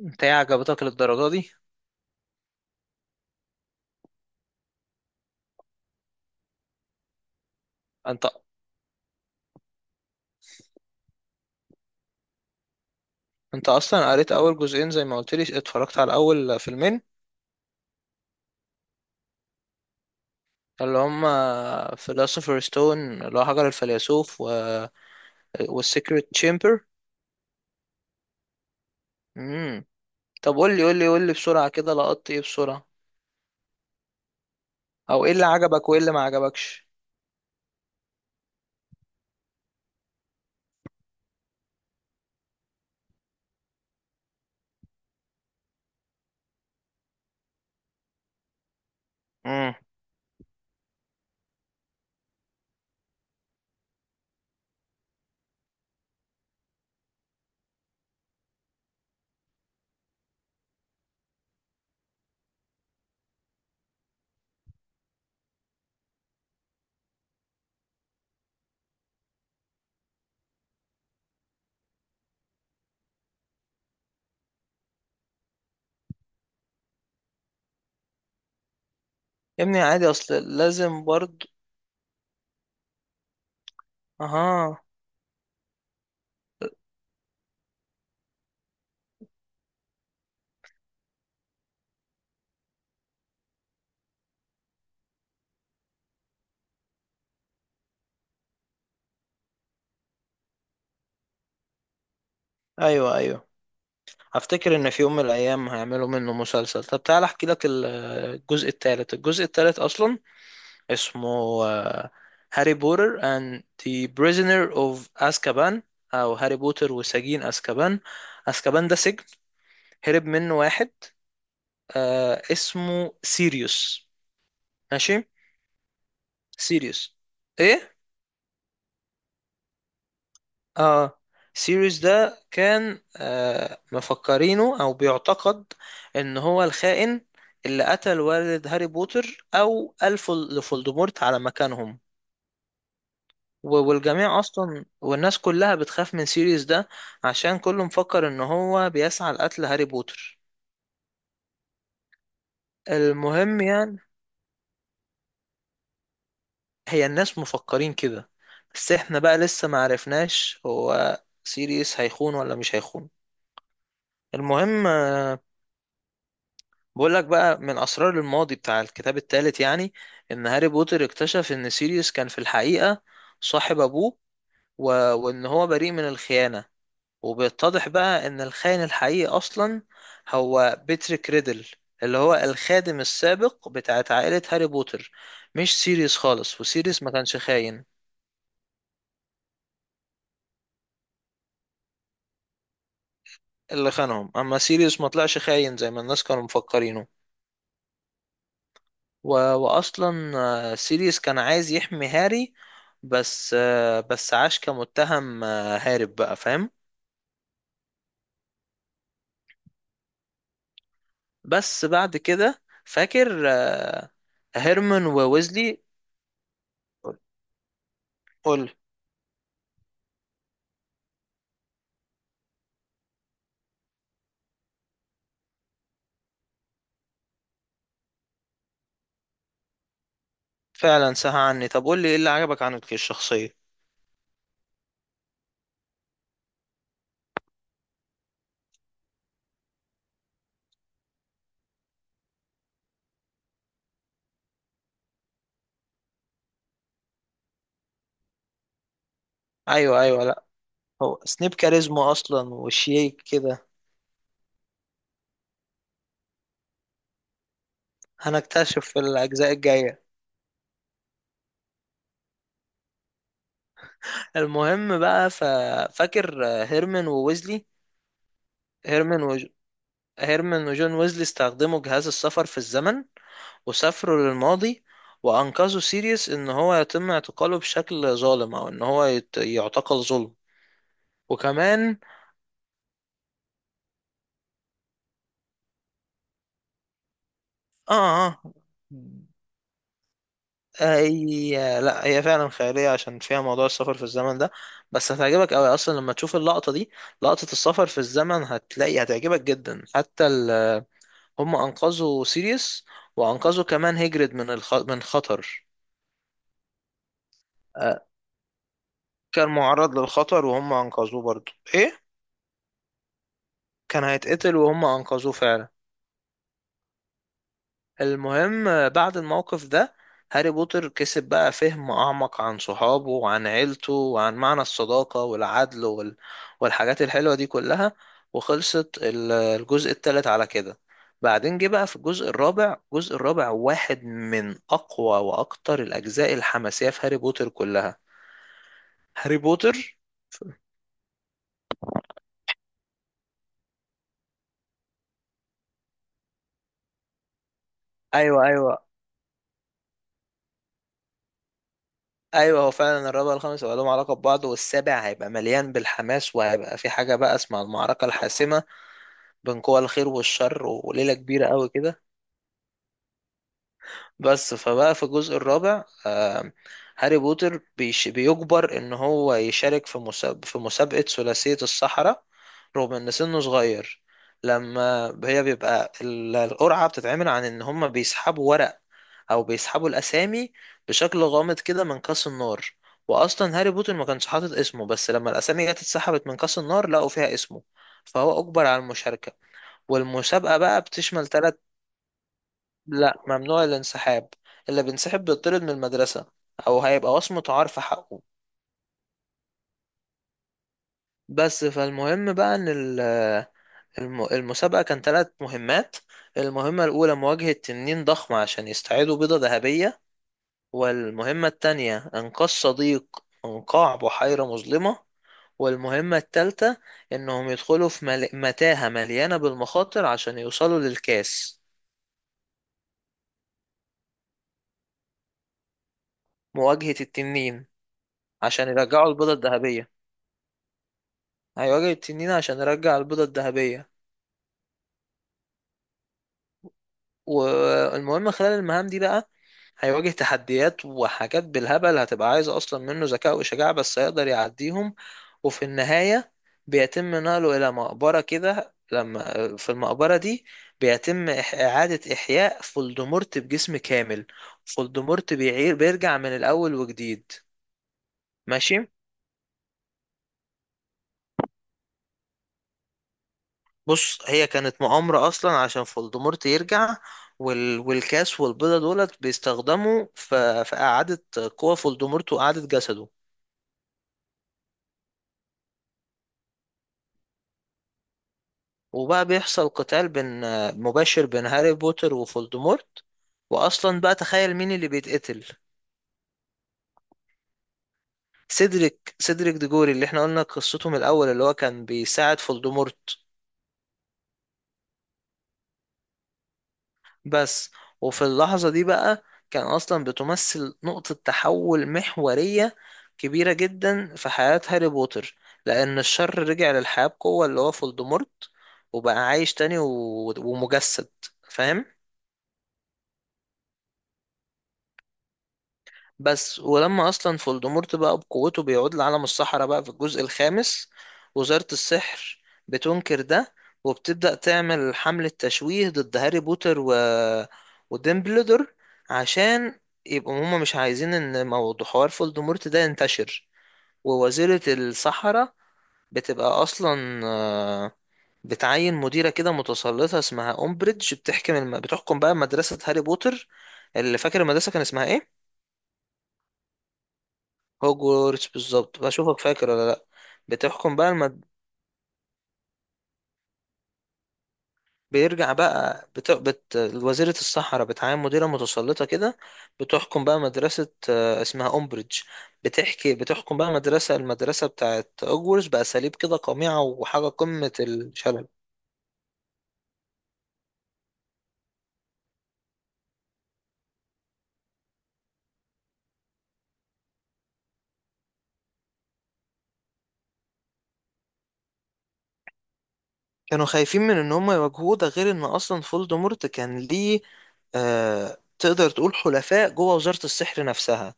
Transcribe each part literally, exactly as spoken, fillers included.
انت ايه عجبتك للدرجة دي؟ انت انت اصلا قريت اول جزئين زي ما قلت لي، اتفرجت على اول فيلمين اللي هما فيلوسوفر ستون اللي هو حجر الفيلسوف و... والسيكريت تشامبر. امم طب قول لي، قول لي، قول لي بسرعة كده، لقطت ايه بسرعة؟ او ايه اللي عجبك وايه اللي ما عجبكش؟ امم يا ابني عادي، اصل لازم برضه. اها. ايوه، ايوه، افتكر ان في يوم من الايام هيعملوا منه مسلسل. طب تعالى احكي لك ال- الجزء الثالث. الجزء الثالث اصلا اسمه آه، هاري بوتر and the prisoner of azkaban، او هاري بوتر وسجين azkaban. azkaban ده سجن هرب منه واحد، آه اسمه سيريوس، ماشي. سيريوس. ايه. اه. سيريوس ده كان آه مفكرينه او بيعتقد ان هو الخائن اللي قتل والد هاري بوتر او الف لفولدمورت على مكانهم. و- والجميع اصلا، والناس كلها بتخاف من سيريس ده عشان كله مفكر ان هو بيسعى لقتل هاري بوتر. المهم يعني. هي الناس مفكرين كده، بس احنا بقى لسه ما عرفناش هو سيريس هيخون ولا مش هيخون. المهم، آه، بقول لك بقى من اسرار الماضي بتاع الكتاب الثالث، يعني ان هاري بوتر اكتشف ان سيريس كان في الحقيقة صاحب ابوه، و... وان هو بريء من الخيانة. وبيتضح بقى ان الخاين الحقيقي اصلا هو بيتريك ريدل اللي هو الخادم السابق بتاعت عائلة هاري بوتر، مش سيريوس خالص، وسيريوس ما كانش خاين. اللي خانهم، اما سيريوس ما طلعش خاين زي ما الناس كانوا مفكرينه. و... واصلا آه، سيريوس كان عايز يحمي هاري، بس آه، بس عاش كمتهم، آه، هارب بقى، فاهم. بس بعد كده فاكر آه، هيرمان وويزلي. قول. فعلا سهى عني، طب قول لي ايه اللي عجبك عنه الشخصية. ايوه، ايوه، لا، هو سنيب كاريزما اصلا وشيك كده. هنكتشف في الاجزاء الجاية. المهم بقى، ف... فاكر هيرمان وويزلي. هيرمان وج... هيرمان وجون ويزلي استخدموا جهاز السفر في الزمن وسافروا للماضي، وأنقذوا سيريوس إن هو يتم اعتقاله بشكل ظالم، أو إن هو يت- يعتقل ظلم. وكمان آه آه هي، لا، هي فعلا خيالية عشان فيها موضوع السفر في الزمن ده. بس هتعجبك أوي أصلا لما تشوف اللقطة دي. لقطة السفر في الزمن هتلاقي هتعجبك جدا حتى ال... هم أنقذوا سيريس، وأنقذوا كمان هيجرد من الخ... من خطر. آه، كان معرض للخطر وهم أنقذوه، برضه إيه، كان هيتقتل وهم أنقذوه فعلا. المهم، آه، بعد الموقف ده هاري بوتر كسب بقى فهم أعمق عن صحابه وعن عيلته وعن معنى الصداقة والعدل وال... والحاجات الحلوة دي كلها. وخلصت ال- الجزء التالت على كده. بعدين جه بقى في الجزء الرابع. الجزء الرابع واحد من أقوى وأكتر الأجزاء الحماسية في هاري بوتر كلها. هاري بوتر. ايوه، ايوه، ايوه، هو فعلا الرابع والخامس هيبقى لهم علاقه ببعض، والسابع هيبقى مليان بالحماس، وهيبقى في حاجه بقى اسمها المعركه الحاسمه بين قوى الخير والشر، وليلة كبيرة قوي كده. بس فبقى في الجزء الرابع، آه، هاري بوتر بيش بيجبر ان هو يشارك في مساب في مسابقة ثلاثية السحرة رغم ان سنه صغير. لما هي بيبقى ال- القرعة بتتعمل، عن ان هم بيسحبوا ورق او بيسحبوا الاسامي بشكل غامض كده من كاس النار. واصلا هاري بوتر ما كانش حاطط اسمه، بس لما الاسامي جت اتسحبت من كاس النار لقوا فيها اسمه، فهو اجبر على المشاركة. والمسابقة بقى بتشمل ثلاث. لا، ممنوع الانسحاب، اللي بينسحب بيطرد من المدرسة او هيبقى وصمة عار في حقه. بس فالمهم بقى ان ال- الم- المسابقة كان ثلاث مهمات. المهمة الاولى مواجهة تنين ضخمة عشان يستعيدوا بيضة ذهبية. والمهمة التانية انقاذ صديق من قاع بحيرة مظلمة. والمهمة التالتة انهم يدخلوا في مل... متاهة مليانة بالمخاطر عشان يوصلوا للكاس. مواجهة التنين عشان يرجعوا البيضة الذهبية. هيواجه التنين عشان يرجع البيضة الذهبية. والمهم خلال المهام دي بقى هيواجه تحديات وحاجات بالهبل هتبقى عايزة أصلا منه ذكاء وشجاعة، بس هيقدر يعديهم. وفي النهاية بيتم نقله إلى مقبرة كده، لما في المقبرة دي بيتم إح- إعادة إحياء فولدمورت بجسم كامل. فولدمورت بيعير بيرجع من الأول وجديد. ماشي. بص، هي كانت مؤامرة أصلا عشان فولدمورت يرجع. وال... والكاس والبيضة دولت بيستخدموا في, في إعادة قوة فولدمورت وإعادة جسده. وبقى بيحصل قتال بين، مباشر بين هاري بوتر وفولدمورت. وأصلا بقى تخيل مين اللي بيتقتل. سيدريك سيدريك ديجوري اللي احنا قلنا قصته من الأول، اللي هو كان بيساعد فولدمورت، بس. وفي اللحظة دي بقى كان أصلا بتمثل نقطة تحول محورية كبيرة جدا في حياة هاري بوتر، لأن الشر رجع للحياة بقوة اللي هو فولدمورت، وبقى عايش تاني و... ومجسد، فاهم؟ بس ولما اصلا فولدمورت بقى بقوته بيعود لعالم السحرة، بقى في الجزء الخامس وزارة السحر بتنكر ده، وبتبدأ تعمل حملة تشويه ضد هاري بوتر و... وديمبلدور، عشان يبقوا هما مش عايزين ان موضوع حوار فولدمورت ده ينتشر. ووزيرة السحرة بتبقى اصلا آه، بتعين مديرة كده متسلطة اسمها أمبريدج، بتحكم الم... بتحكم بقى مدرسة هاري بوتر. اللي فاكر المدرسة كان اسمها ايه؟ هوجورتس بالظبط، بشوفك فاكر ولا لا. بتحكم بقى لما بيرجع بقى بت... بت... وزيرة الصحراء بتعين مديرة متسلطة كده، بتحكم بقى مدرسة آه، اسمها أمبريدج. بتحكي بتحكم بقى مدرسة المدرسة بتاعت هوجورتس بأساليب كده قميعة وحاجة قمة الشلل. كانوا خايفين من ان هم يواجهوه، ده غير ان اصلا فولدمورت كان ليه، آه... تقدر تقول حلفاء جوه وزارة السحر نفسها.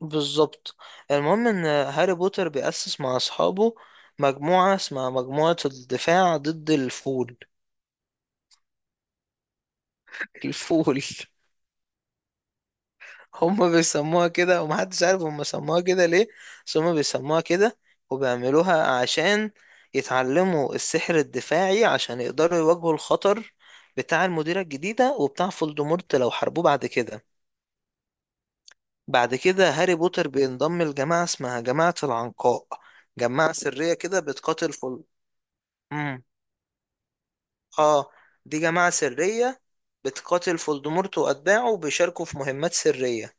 بالظبط. المهم ان هاري بوتر بيأسس مع اصحابه مجموعة اسمها مجموعة الدفاع ضد الفول. الفول هم بيسموها كده ومحدش عارف هم سموها كده ليه، بس هم بيسموها كده. وبيعملوها عشان يتعلموا السحر الدفاعي عشان يقدروا يواجهوا الخطر بتاع المديرة الجديدة وبتاع فولدمورت لو حاربوه بعد كده. بعد كده هاري بوتر بينضم لجماعة اسمها جماعة العنقاء، جماعة سرية كده بتقاتل فول. اه. دي جماعة سرية بتقاتل فولدمورت وأتباعه، وبيشاركوا في مهمات سرية.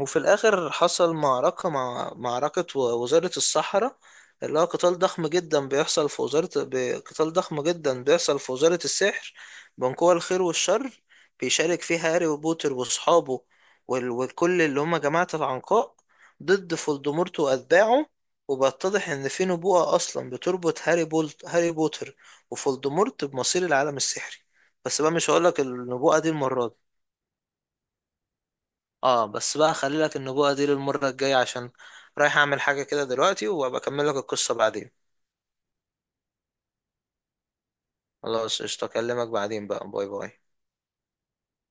وفي الآخر حصل معركة مع معركة و- وزارة الصحراء، اللي هو قتال ضخم جدا بيحصل في وزارة ب- قتال ضخم جدا بيحصل في وزارة السحر بين قوى الخير والشر، بيشارك فيها هاري وبوتر وأصحابه وال- وكل اللي هما جماعة العنقاء ضد فولدمورت وأتباعه. وبيتضح إن في نبوءة أصلا بتربط هاري بولت هاري بوتر وفولدمورت بمصير العالم السحري. بس بقى مش هقولك النبوءة دي المرة دي. اه، بس بقى خلي لك النبوة دي للمرة الجاية عشان رايح اعمل حاجة كده دلوقتي، وابقى اكمل لك القصة بعدين. خلاص قشطة، اكلمك بعدين بقى، باي باي.